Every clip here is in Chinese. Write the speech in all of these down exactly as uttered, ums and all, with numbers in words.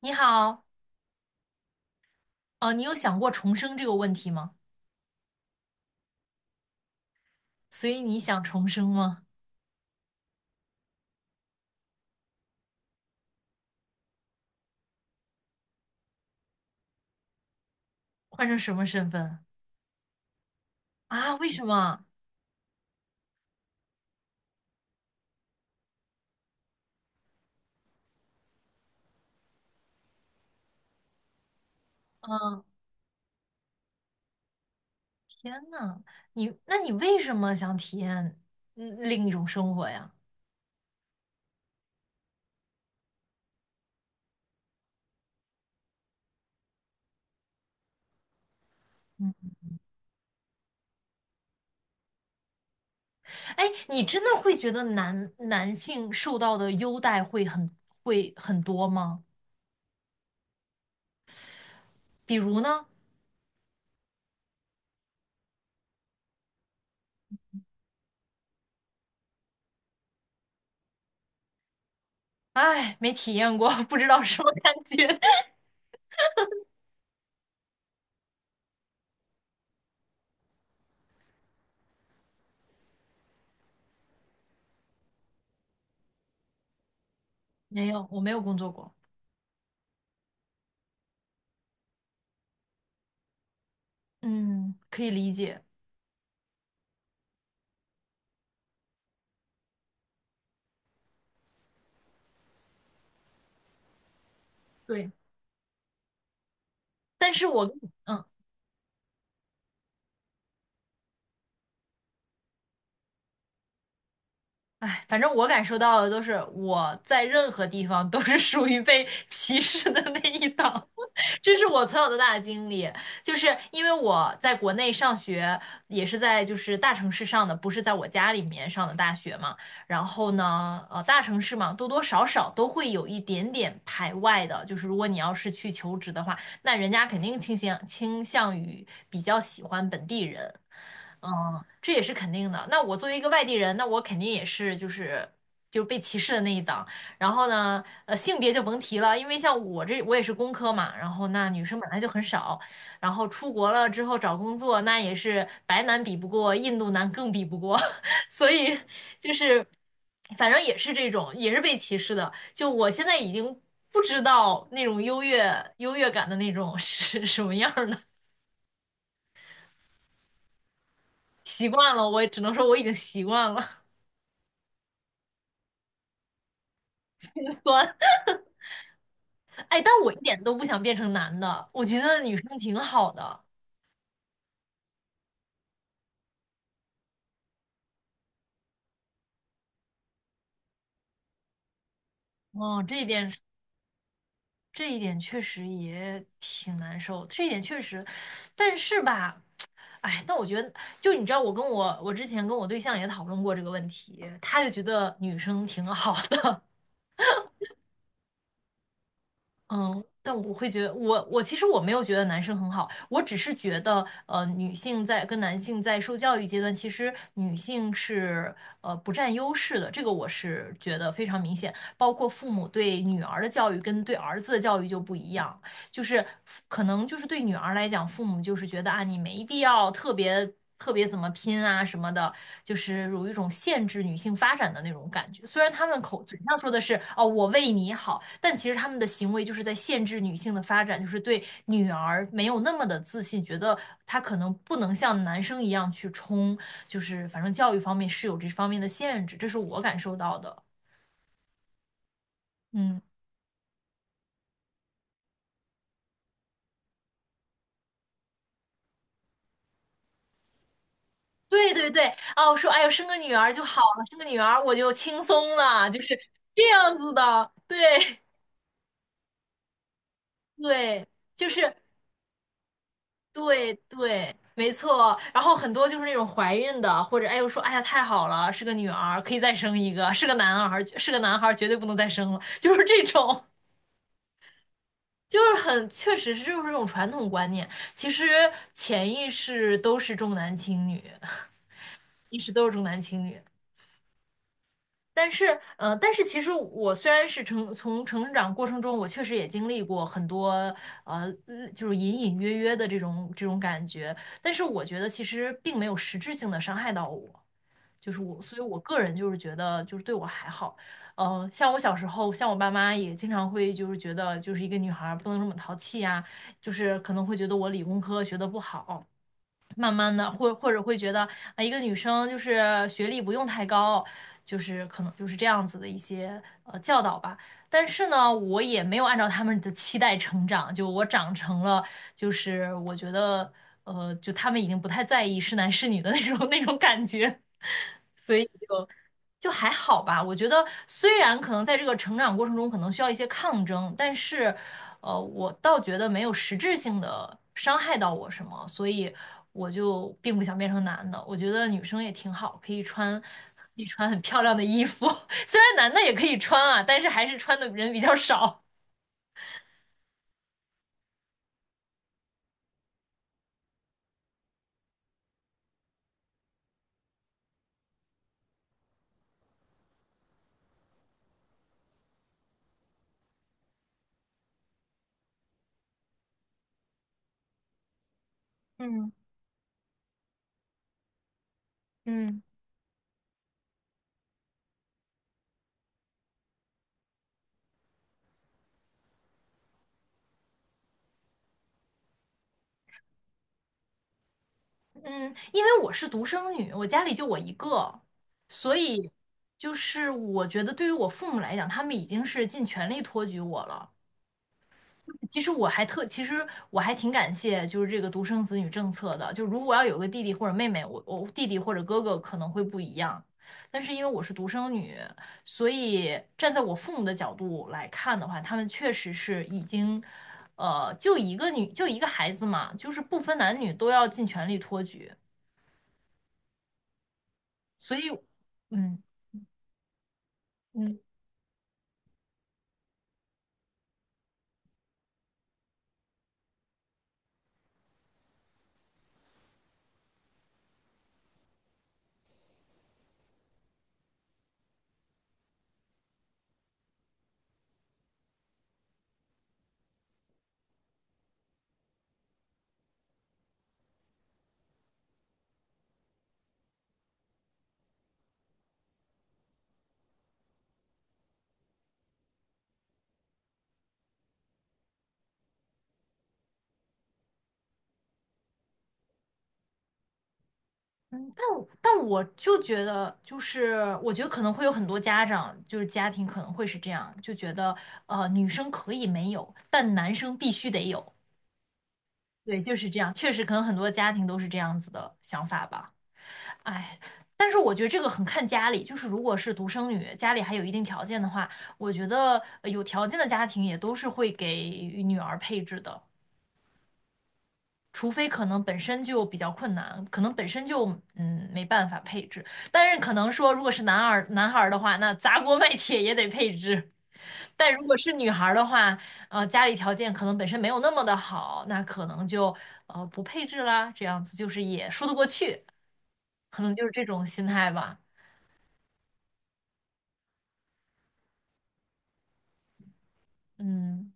你好，呃，你有想过重生这个问题吗？所以你想重生吗？换成什么身份啊？为什么？嗯，天呐，你那你为什么想体验嗯另一种生活呀？嗯，哎，你真的会觉得男男性受到的优待会很会很多吗？比如呢？哎，没体验过，不知道什么感觉。没有，我没有工作过。嗯，可以理解。对，但是我跟你嗯。哎，反正我感受到的都是我在任何地方都是属于被歧视的那一档，这是我从小到大的经历。就是因为我在国内上学，也是在就是大城市上的，不是在我家里面上的大学嘛。然后呢，呃，大城市嘛，多多少少都会有一点点排外的。就是如果你要是去求职的话，那人家肯定倾向倾向于比较喜欢本地人。嗯，这也是肯定的。那我作为一个外地人，那我肯定也是就是就是被歧视的那一档。然后呢，呃，性别就甭提了，因为像我这我也是工科嘛，然后那女生本来就很少，然后出国了之后找工作，那也是白男比不过，印度男更比不过，所以就是反正也是这种，也是被歧视的。就我现在已经不知道那种优越优越感的那种是什么样儿了，习惯了，我只能说我已经习惯了。酸。哎，但我一点都不想变成男的，我觉得女生挺好的。哦，这一点是，这一点确实也挺难受，这一点确实，但是吧，哎，但我觉得，就你知道，我跟我我之前跟我对象也讨论过这个问题，他就觉得女生挺好的，嗯，但我会觉得，我我其实我没有觉得男生很好，我只是觉得，呃，女性在跟男性在受教育阶段，其实女性是呃不占优势的，这个我是觉得非常明显，包括父母对女儿的教育跟对儿子的教育就不一样。就是可能就是对女儿来讲，父母就是觉得啊，你没必要特别特别怎么拼啊什么的，就是有一种限制女性发展的那种感觉。虽然他们口嘴上说的是哦，我为你好，但其实他们的行为就是在限制女性的发展，就是对女儿没有那么的自信，觉得她可能不能像男生一样去冲，就是反正教育方面是有这方面的限制，这是我感受到的。嗯。对对对，哦，我说，哎呦，生个女儿就好了，生个女儿我就轻松了，就是这样子的，对 对，就是对对，没错。然后很多就是那种怀孕的，或者哎呦说，哎呀太好了，是个女儿，可以再生一个，是个男孩儿，是个男孩儿，绝对不能再生了，就是这种，就是很确实是就是这种传统观念，其实潜意识都是重男轻女，意识都是重男轻女。但是，呃，但是其实我虽然是成从成长过程中，我确实也经历过很多，呃，嗯就是隐隐约约的这种这种感觉，但是我觉得其实并没有实质性的伤害到我，就是我，所以我个人就是觉得就是对我还好，呃，像我小时候，像我爸妈也经常会就是觉得就是一个女孩儿不能这么淘气呀，就是可能会觉得我理工科学得不好，慢慢的，或或者会觉得啊，一个女生就是学历不用太高，就是可能就是这样子的一些呃教导吧。但是呢，我也没有按照他们的期待成长，就我长成了，就是我觉得呃，就他们已经不太在意是男是女的那种 那种感觉。所以。就还好吧。我觉得虽然可能在这个成长过程中可能需要一些抗争，但是，呃，我倒觉得没有实质性的伤害到我什么，所以我就并不想变成男的。我觉得女生也挺好，可以穿，可以穿很漂亮的衣服，虽然男的也可以穿啊，但是还是穿的人比较少。嗯嗯嗯，因为我是独生女，我家里就我一个，所以就是我觉得对于我父母来讲，他们已经是尽全力托举我了。其实我还特，其实我还挺感谢，就是这个独生子女政策的。就如果要有个弟弟或者妹妹，我我弟弟或者哥哥可能会不一样，但是因为我是独生女，所以站在我父母的角度来看的话，他们确实是已经，呃，就一个女，就一个孩子嘛，就是不分男女都要尽全力托举。所以，嗯。嗯但我但我就觉得，就是我觉得可能会有很多家长，就是家庭可能会是这样，就觉得呃女生可以没有，但男生必须得有。对，就是这样，确实可能很多家庭都是这样子的想法吧。哎，但是我觉得这个很看家里，就是如果是独生女，家里还有一定条件的话，我觉得呃有条件的家庭也都是会给女儿配置的。除非可能本身就比较困难，可能本身就嗯没办法配置，但是可能说如果是男孩儿男孩儿的话，那砸锅卖铁也得配置。但如果是女孩儿的话，呃，家里条件可能本身没有那么的好，那可能就呃不配置啦，这样子就是也说得过去，可能就是这种心态吧。嗯，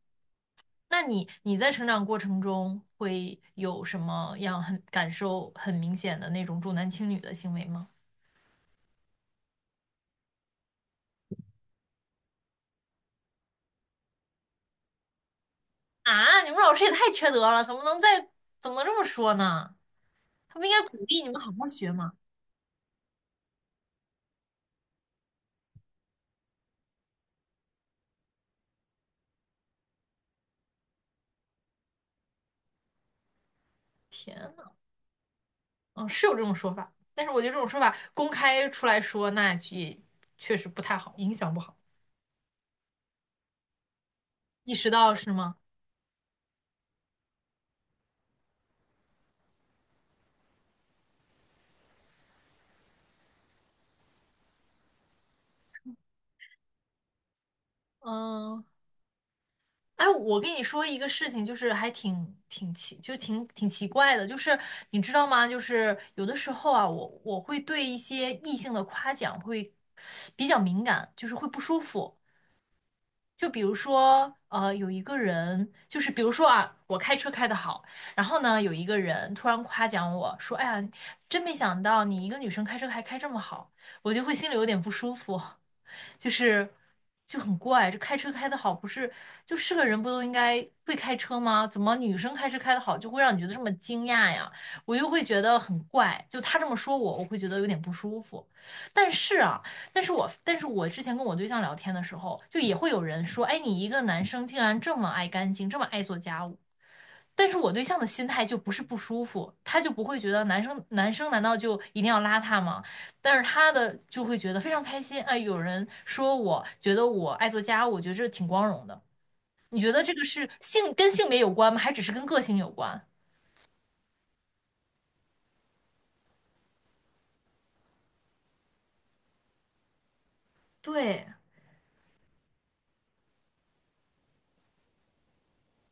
那你你在成长过程中会有什么样很感受很明显的那种重男轻女的行为吗？啊，你们老师也太缺德了，怎么能在怎么能这么说呢？他不应该鼓励你们好好学吗？天呐，嗯，是有这种说法，但是我觉得这种说法公开出来说，那也确实不太好，影响不好，意识到是吗？嗯，哎，我跟你说一个事情，就是还挺挺奇，就挺挺奇怪的，就是你知道吗？就是有的时候啊，我我会对一些异性的夸奖会比较敏感，就是会不舒服。就比如说，呃，有一个人，就是比如说啊，我开车开得好，然后呢，有一个人突然夸奖我说："哎呀，真没想到你一个女生开车还开这么好。"我就会心里有点不舒服。就是就很怪，这开车开得好不是就是个人不都应该会开车吗？怎么女生开车开得好就会让你觉得这么惊讶呀？我就会觉得很怪，就他这么说我，我会觉得有点不舒服。但是啊，但是我但是我之前跟我对象聊天的时候，就也会有人说，哎，你一个男生竟然这么爱干净，这么爱做家务。但是我对象的心态就不是不舒服，他就不会觉得男生男生难道就一定要邋遢吗？但是他的就会觉得非常开心，哎，有人说我觉得我爱做家务，我觉得这挺光荣的。你觉得这个是性跟性别有关吗？还只是跟个性有关？对，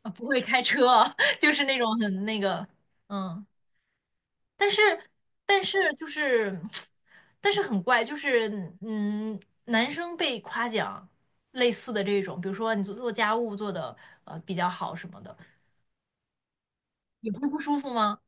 啊不会开车，就是那种很那个，嗯。但是但是就是，但是很怪，就是嗯，男生被夸奖类似的这种，比如说你做做家务做的呃比较好什么的，你会不舒服吗？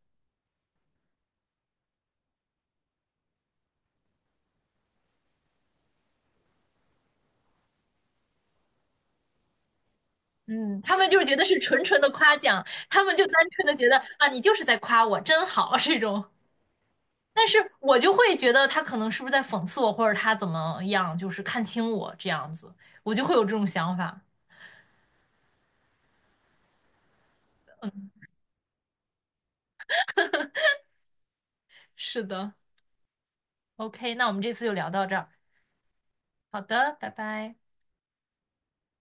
嗯，他们就是觉得是纯纯的夸奖，他们就单纯的觉得啊，你就是在夸我，真好这种。但是我就会觉得他可能是不是在讽刺我，或者他怎么样，就是看清我这样子，我就会有这种想法。是的，OK，那我们这次就聊到这儿。好的，拜拜。